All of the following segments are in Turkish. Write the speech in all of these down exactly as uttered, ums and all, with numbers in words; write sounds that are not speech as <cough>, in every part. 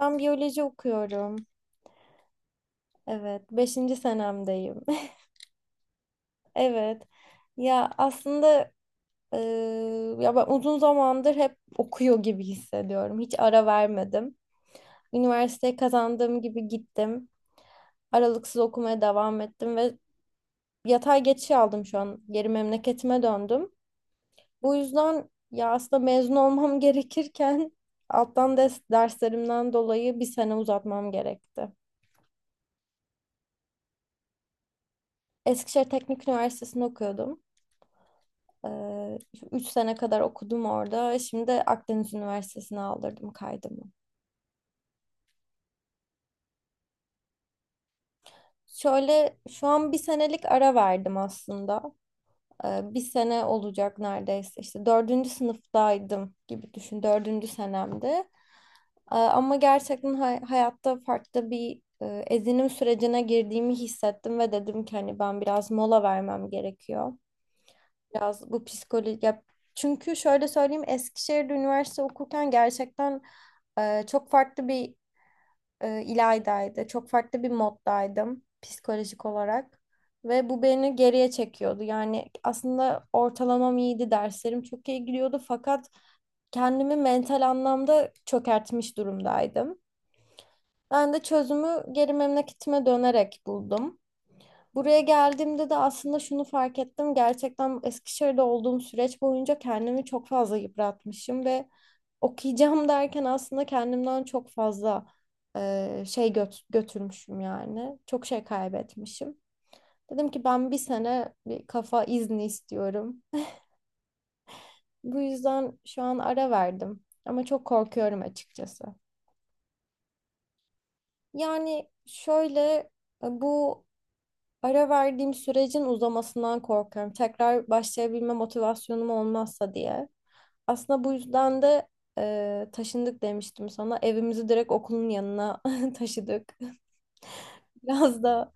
Ben biyoloji okuyorum. Evet, beşinci senemdeyim. <laughs> Evet. Ya aslında e, ya ben uzun zamandır hep okuyor gibi hissediyorum. Hiç ara vermedim. Üniversiteye kazandığım gibi gittim. Aralıksız okumaya devam ettim ve yatay geçiş aldım şu an. Geri memleketime döndüm. Bu yüzden ya aslında mezun olmam <laughs> gerekirken alttan ders, derslerimden dolayı bir sene uzatmam gerekti. Eskişehir Teknik Üniversitesi'nde okuyordum. Ee, Üç sene kadar okudum orada. Şimdi Akdeniz Üniversitesi'ne aldırdım kaydımı. Şöyle şu an bir senelik ara verdim aslında. Ee, bir sene olacak neredeyse. İşte dördüncü sınıftaydım gibi düşün. Dördüncü senemdi. Ee, ama gerçekten hay- hayatta farklı bir e, ezinim sürecine girdiğimi hissettim ve dedim ki hani ben biraz mola vermem gerekiyor. Biraz bu psikoloji ya çünkü şöyle söyleyeyim Eskişehir'de üniversite okurken gerçekten e, çok farklı bir e, ilaydaydı. Çok farklı bir moddaydım psikolojik olarak ve bu beni geriye çekiyordu. Yani aslında ortalamam iyiydi, derslerim çok iyi gidiyordu fakat kendimi mental anlamda çökertmiş durumdaydım. Ben de çözümü geri memleketime dönerek buldum. Buraya geldiğimde de aslında şunu fark ettim. Gerçekten Eskişehir'de olduğum süreç boyunca kendimi çok fazla yıpratmışım ve okuyacağım <laughs> derken aslında kendimden çok fazla e, şey göt- götürmüşüm yani. Çok şey kaybetmişim. Dedim ki ben bir sene bir kafa izni istiyorum. <laughs> Bu yüzden şu an ara verdim ama çok korkuyorum açıkçası. Yani şöyle e, bu ara verdiğim sürecin uzamasından korkuyorum. Tekrar başlayabilme motivasyonum olmazsa diye. Aslında bu yüzden de e, taşındık demiştim sana. Evimizi direkt okulun yanına <laughs> taşıdık. Biraz da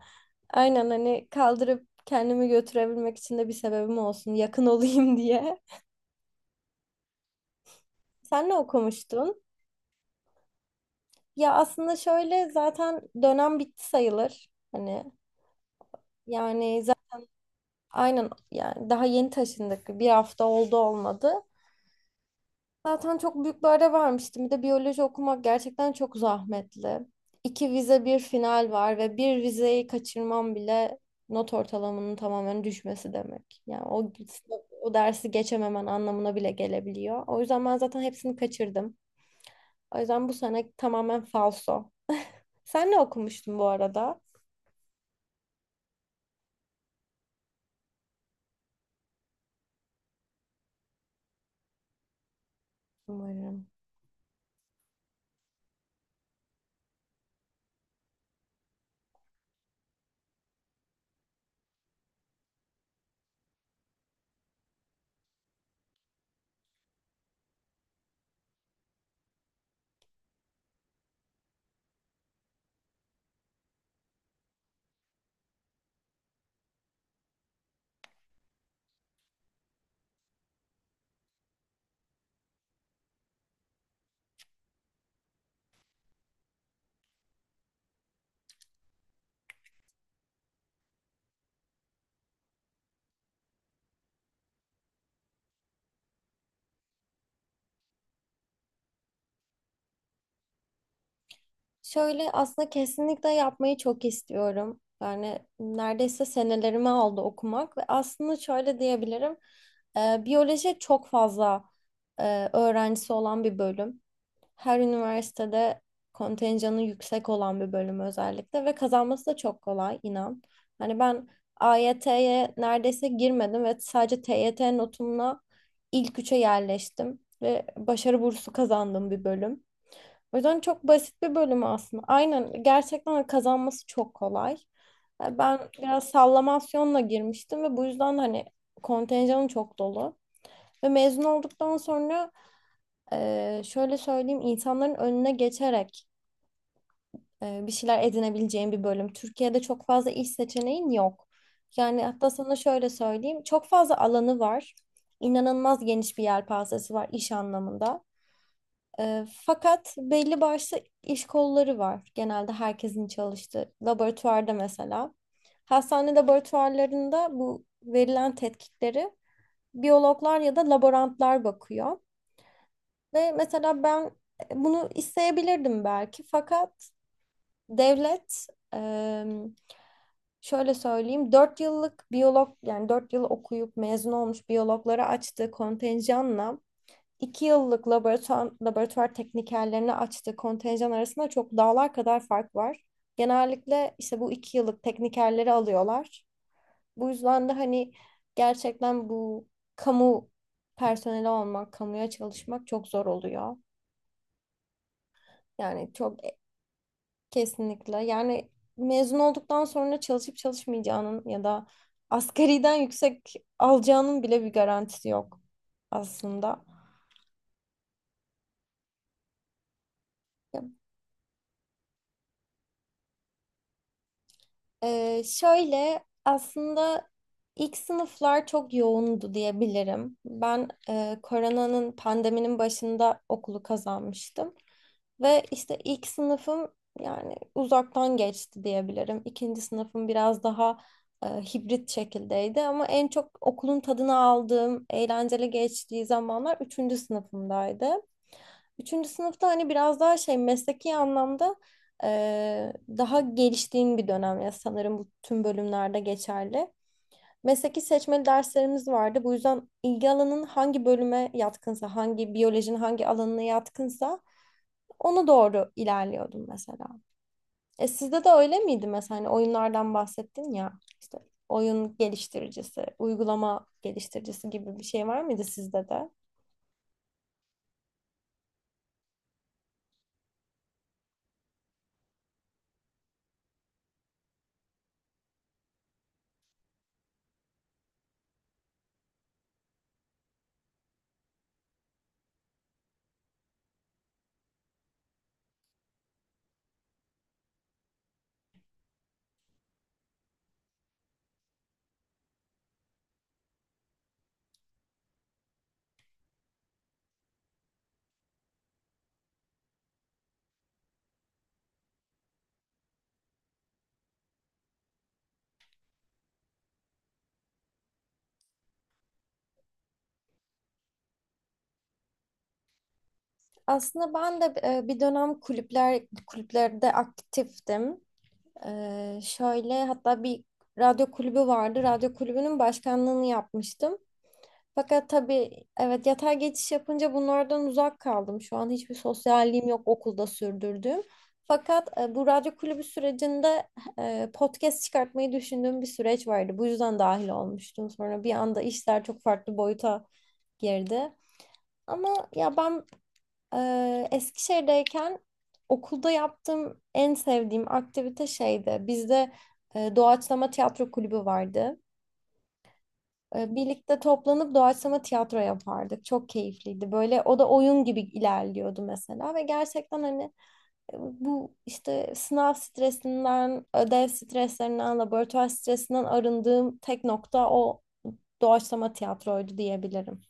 aynen hani kaldırıp kendimi götürebilmek için de bir sebebim olsun. Yakın <laughs> olayım diye. Sen ne okumuştun? Ya aslında şöyle zaten dönem bitti sayılır. Hani yani za- aynen yani daha yeni taşındık. Bir hafta oldu olmadı. Zaten çok büyük bir ara vermiştim. Bir de biyoloji okumak gerçekten çok zahmetli. İki vize bir final var ve bir vizeyi kaçırmam bile not ortalamanın tamamen düşmesi demek. Yani o, o dersi geçememen anlamına bile gelebiliyor. O yüzden ben zaten hepsini kaçırdım. O yüzden bu sene tamamen falso. Sen ne okumuştun bu arada? Umarım. Şöyle aslında kesinlikle yapmayı çok istiyorum. Yani neredeyse senelerimi aldı okumak ve aslında şöyle diyebilirim. E, biyoloji çok fazla e, öğrencisi olan bir bölüm. Her üniversitede kontenjanı yüksek olan bir bölüm özellikle ve kazanması da çok kolay inan. Hani ben A Y T'ye neredeyse girmedim ve sadece T Y T notumla ilk üçe yerleştim ve başarı bursu kazandığım bir bölüm. O yüzden çok basit bir bölümü aslında. Aynen gerçekten kazanması çok kolay. E, Ben biraz sallamasyonla girmiştim ve bu yüzden hani kontenjanım çok dolu. Ve mezun olduktan sonra e, şöyle söyleyeyim insanların önüne geçerek e, bir şeyler edinebileceğin bir bölüm. Türkiye'de çok fazla iş seçeneğin yok. Yani hatta sana şöyle söyleyeyim çok fazla alanı var. İnanılmaz geniş bir yelpazesi var iş anlamında. Ee, fakat belli başlı iş kolları var. Genelde herkesin çalıştığı laboratuvarda mesela. Hastane laboratuvarlarında bu verilen tetkikleri biyologlar ya da laborantlar bakıyor. Ve mesela ben bunu isteyebilirdim belki fakat devlet e, şöyle söyleyeyim dört yıllık biyolog yani dört yıl okuyup mezun olmuş biyologlara açtığı kontenjanla İki yıllık laboratuvar, laboratuvar teknikerlerini açtığı kontenjan arasında çok dağlar kadar fark var. Genellikle işte bu iki yıllık teknikerleri alıyorlar. Bu yüzden de hani gerçekten bu kamu personeli olmak, kamuya çalışmak çok zor oluyor. Yani çok e- kesinlikle. Yani mezun olduktan sonra çalışıp çalışmayacağının ya da asgariden yüksek alacağının bile bir garantisi yok aslında. Ee, şöyle aslında ilk sınıflar çok yoğundu diyebilirim. Ben e, koronanın pandeminin başında okulu kazanmıştım. Ve işte ilk sınıfım yani uzaktan geçti diyebilirim. İkinci sınıfım biraz daha e, hibrit şekildeydi ama en çok okulun tadını aldığım, eğlenceli geçtiği zamanlar üçüncü sınıfımdaydı. Üçüncü sınıfta hani biraz daha şey mesleki anlamda eee, daha geliştiğin bir dönem ya sanırım bu tüm bölümlerde geçerli. Mesleki seçmeli derslerimiz vardı. Bu yüzden ilgi alanın hangi bölüme yatkınsa, hangi biyolojinin hangi alanına yatkınsa ona doğru ilerliyordum mesela. E sizde de öyle miydi mesela hani oyunlardan bahsettin ya işte oyun geliştiricisi, uygulama geliştiricisi gibi bir şey var mıydı sizde de? Aslında ben de e, bir dönem kulüpler kulüplerde aktiftim. E, şöyle hatta bir radyo kulübü vardı. Radyo kulübünün başkanlığını yapmıştım. Fakat tabii evet yatay geçiş yapınca bunlardan uzak kaldım. Şu an hiçbir sosyalliğim yok okulda sürdürdüğüm. Fakat e, bu radyo kulübü sürecinde e, podcast çıkartmayı düşündüğüm bir süreç vardı. Bu yüzden dahil olmuştum. Sonra bir anda işler çok farklı boyuta girdi. Ama ya ben ee, Eskişehir'deyken okulda yaptığım en sevdiğim aktivite şeydi. Bizde e, doğaçlama tiyatro kulübü vardı. E, birlikte toplanıp doğaçlama tiyatro yapardık. Çok keyifliydi. Böyle o da oyun gibi ilerliyordu mesela ve gerçekten hani e, bu işte sınav stresinden, ödev streslerinden, laboratuvar stresinden arındığım tek nokta o doğaçlama tiyatroydu diyebilirim.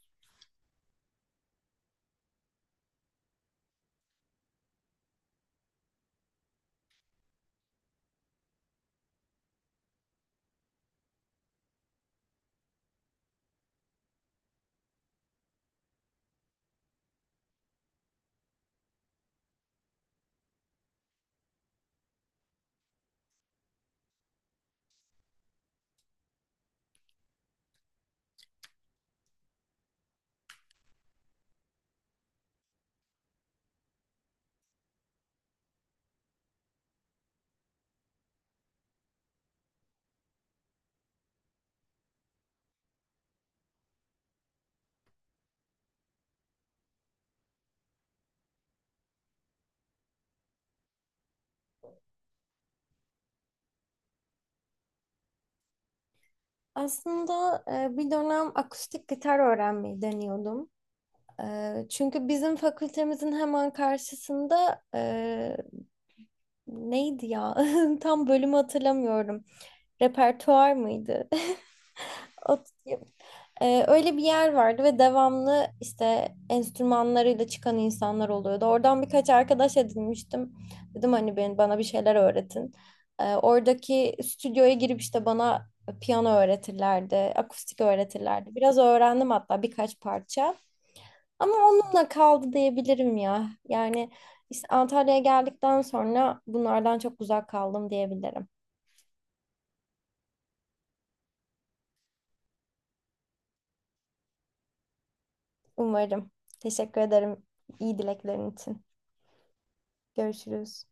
Aslında e, bir dönem akustik gitar öğrenmeyi deniyordum. E, Çünkü bizim fakültemizin hemen karşısında e, neydi ya? <laughs> Tam bölümü hatırlamıyorum. Repertuar mıydı? <laughs> O- Ee, öyle bir yer vardı ve devamlı işte enstrümanlarıyla çıkan insanlar oluyordu. Oradan birkaç arkadaş edinmiştim. Dedim hani ben, bana bir şeyler öğretin. Ee, oradaki stüdyoya girip işte bana piyano öğretirlerdi, akustik öğretirlerdi. Biraz öğrendim hatta birkaç parça. Ama onunla kaldı diyebilirim ya. Yani işte Antalya'ya geldikten sonra bunlardan çok uzak kaldım diyebilirim. Umarım. Teşekkür ederim iyi dileklerin için. Görüşürüz.